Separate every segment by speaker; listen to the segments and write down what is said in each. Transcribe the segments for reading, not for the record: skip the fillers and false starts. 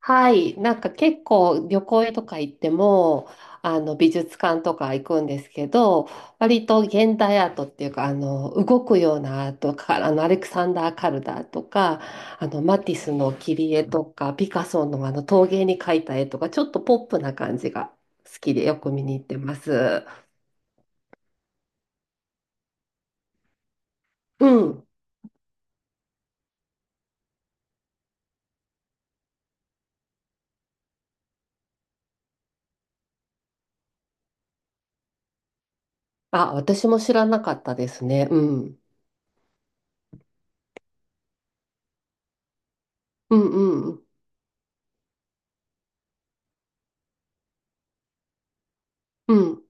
Speaker 1: はい、なんか結構旅行とか行っても、あの美術館とか行くんですけど、割と現代アートっていうか、あの動くようなアートか、あのアレクサンダー・カルダーとか、あのマティスの切り絵とか、ピカソのあの陶芸に描いた絵とか、ちょっとポップな感じが好きでよく見に行ってます。うん。あ、私も知らなかったですね。うん。うんうんうん。うん。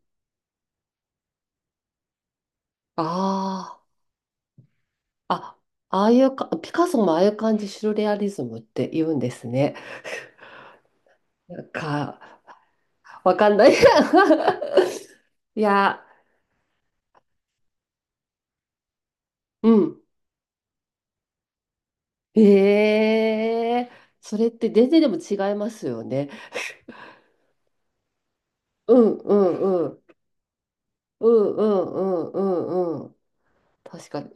Speaker 1: ああ。あ、ああいうか、ピカソもああいう感じ、シュルレアリズムって言うんですね。なんか、わかんない。いや、うん。ええ、それって全然でも違いますよね。うんうんうん。うんうんうんうんうん。確かに。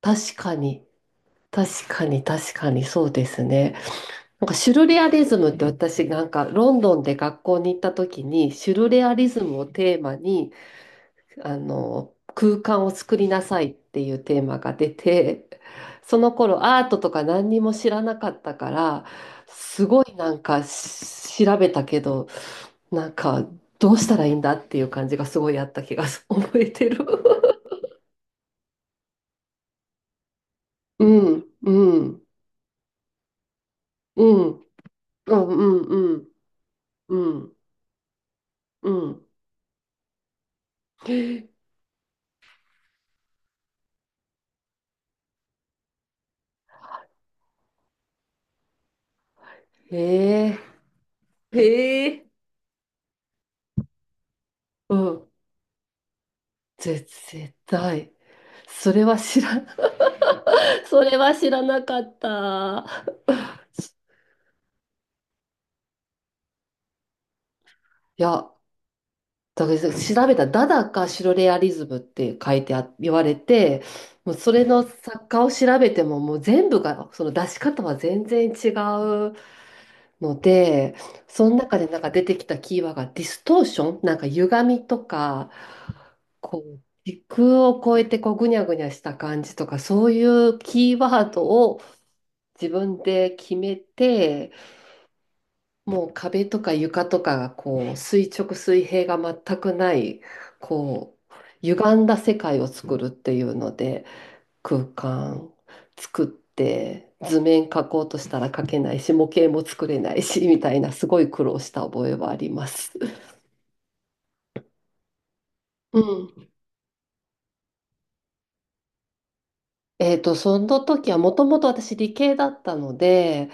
Speaker 1: 確かに。確かに、確かにそうですね。なんかシュルレアリズムって、私なんかロンドンで学校に行った時にシュルレアリズムをテーマに空間を作りなさいっていうテーマが出て、その頃アートとか何にも知らなかったから、すごいなんかし調べたけど、なんかどうしたらいいんだっていう感じがすごいあった気が覚えてる。うん、うん、うん、うん、うん、うん、うん。うん、へえ、へえ、うん。ぜ絶対。それは知ら、それは知らなかった。いや、だから調べたらダダかシュロレアリズムって書いてあ、言われて、もうそれの作家を調べてももう全部が、その出し方は全然違うので、その中でなんか出てきたキーワードがディストーション、なんか歪みとか、こう、時空を超えてこうぐにゃぐにゃした感じとか、そういうキーワードを自分で決めて、もう壁とか床とかがこう垂直水平が全くない、こう歪んだ世界を作るっていうので、空間作って、図面描こうとしたら描けないし、模型も作れないし、みたいなすごい苦労した覚えはあります。うん。その時はもともと私理系だったので、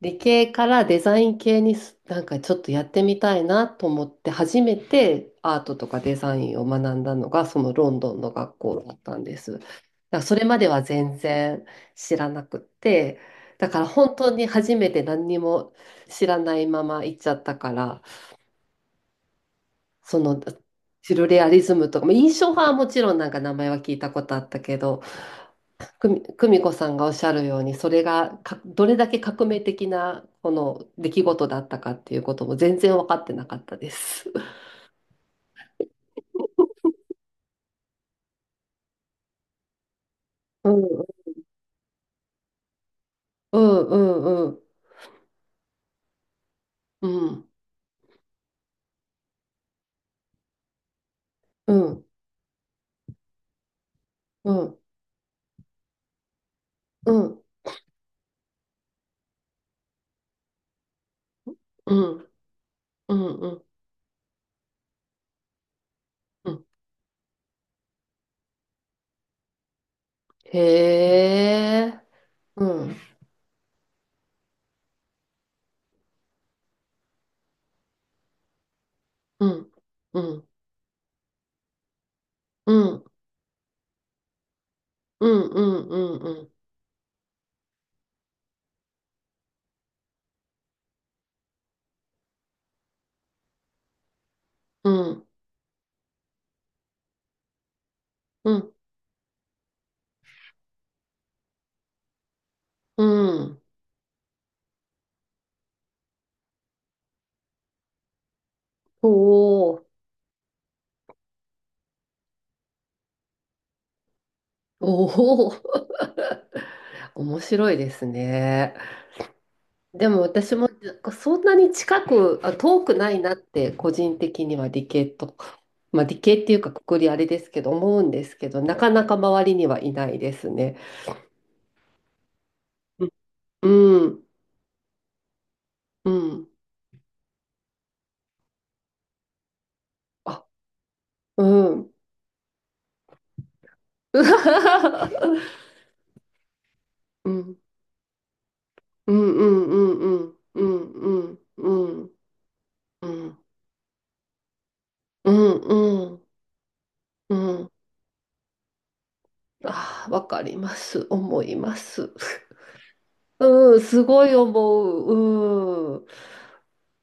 Speaker 1: 理系からデザイン系になんかちょっとやってみたいなと思って初めてアートとかデザインを学んだのがそのロンドンの学校だったんです。だからそれまでは全然知らなくって、だから本当に初めて何にも知らないまま行っちゃったから、そのシルレアリズムとか、まあ、印象派はもちろんなんか名前は聞いたことあったけど、久美子さんがおっしゃるように、それがかどれだけ革命的なこの出来事だったかっていうことも全然分かってなかったです。うんうんうんうんうんうんうんうんうんうん、うん、へえ、うんうんうんうんうんうんうんうんうんうん、おお、おお、面白いですね。でも私も、そんなに近く、あ、遠くないなって個人的には理系と、まあ理系っていうかくくりあれですけど思うんですけど、なかなか周りにはいないですね。うん、うん、うん、あ、うん。うん、うん、うん、うん、うん、うん、うん、うん、うん、うん、うん、うん、ああ、わかります。思います。うん、すごい思う。うん。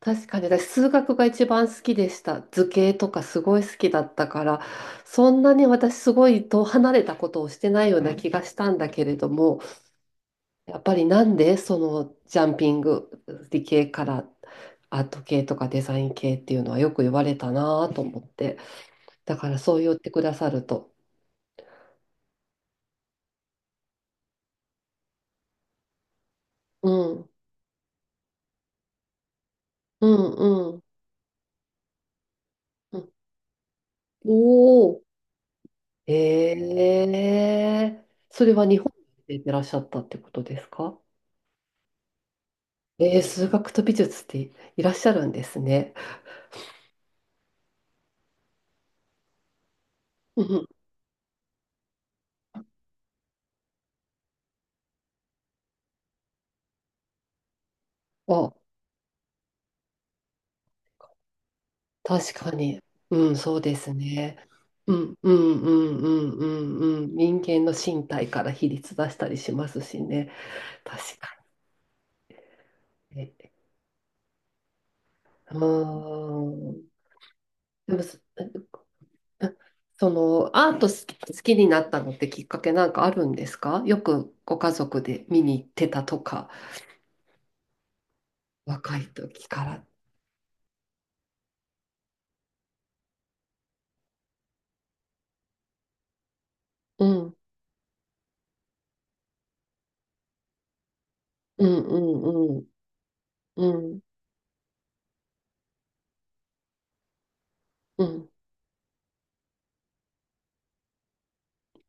Speaker 1: 確かに、私、数学が一番好きでした。図形とかすごい好きだったから、そんなに私、すごい遠離れたことをしてないような気がしたんだけれども、やっぱりなんでそのジャンピング、理系からアート系とかデザイン系っていうのはよく言われたなと思って、だからそう言ってくださると。うん、うん、うん。うん、お、ええ、それは日本でいらっしゃったってことですか？えー、数学と美術っていらっしゃるんですね。うんうん。あ、確かに。うん、そうですね。うん、うん、うん、うん、うん、うん。人間の身体から比率出したりしますしね。確かに。うん。でも、その、アート好き、好きになったのってきっかけなんかあるんですか？よくご家族で見に行ってたとか。若い時から。うん、うん、うん、うん、うん。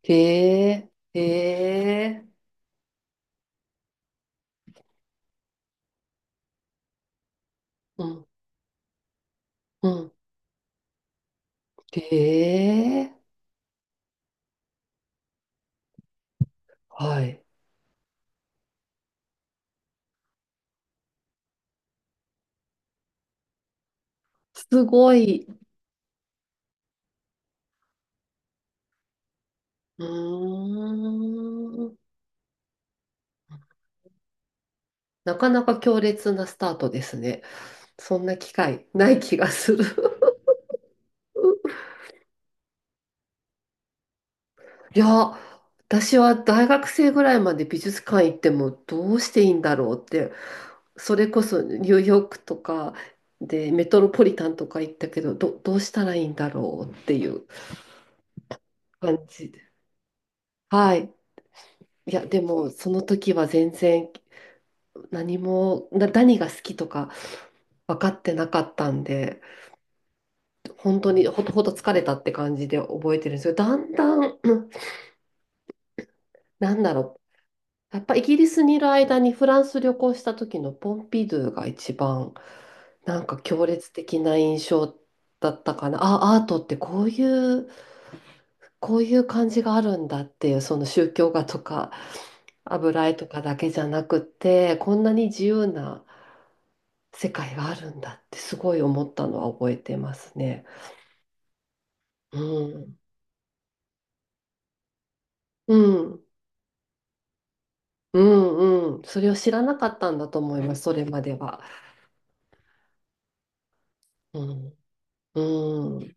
Speaker 1: へえ、へえ、うん、うん。へえ、はい。すごい。うーん。なかなか強烈なスタートですね。そんな機会ない気がする。いや、私は大学生ぐらいまで美術館行ってもどうしていいんだろうって、それこそニューヨークとかでメトロポリタンとか行ったけど、どうしたらいいんだろうっていう感じで。はい。いや、でもその時は全然何も、何が好きとか分かってなかったんで、本当にほとほと疲れたって感じで覚えてるんですよ。だんだん、うん、なんだろう。やっぱイギリスにいる間にフランス旅行した時のポンピドゥが一番なんか強烈的な印象だったかな。あ、アートってこういう、こういう感じがあるんだっていう、その宗教画とか油絵とかだけじゃなくて、こんなに自由な世界があるんだってすごい思ったのは覚えてますね。うん。うん。うんうん。それを知らなかったんだと思います、それまでは。うん。うん。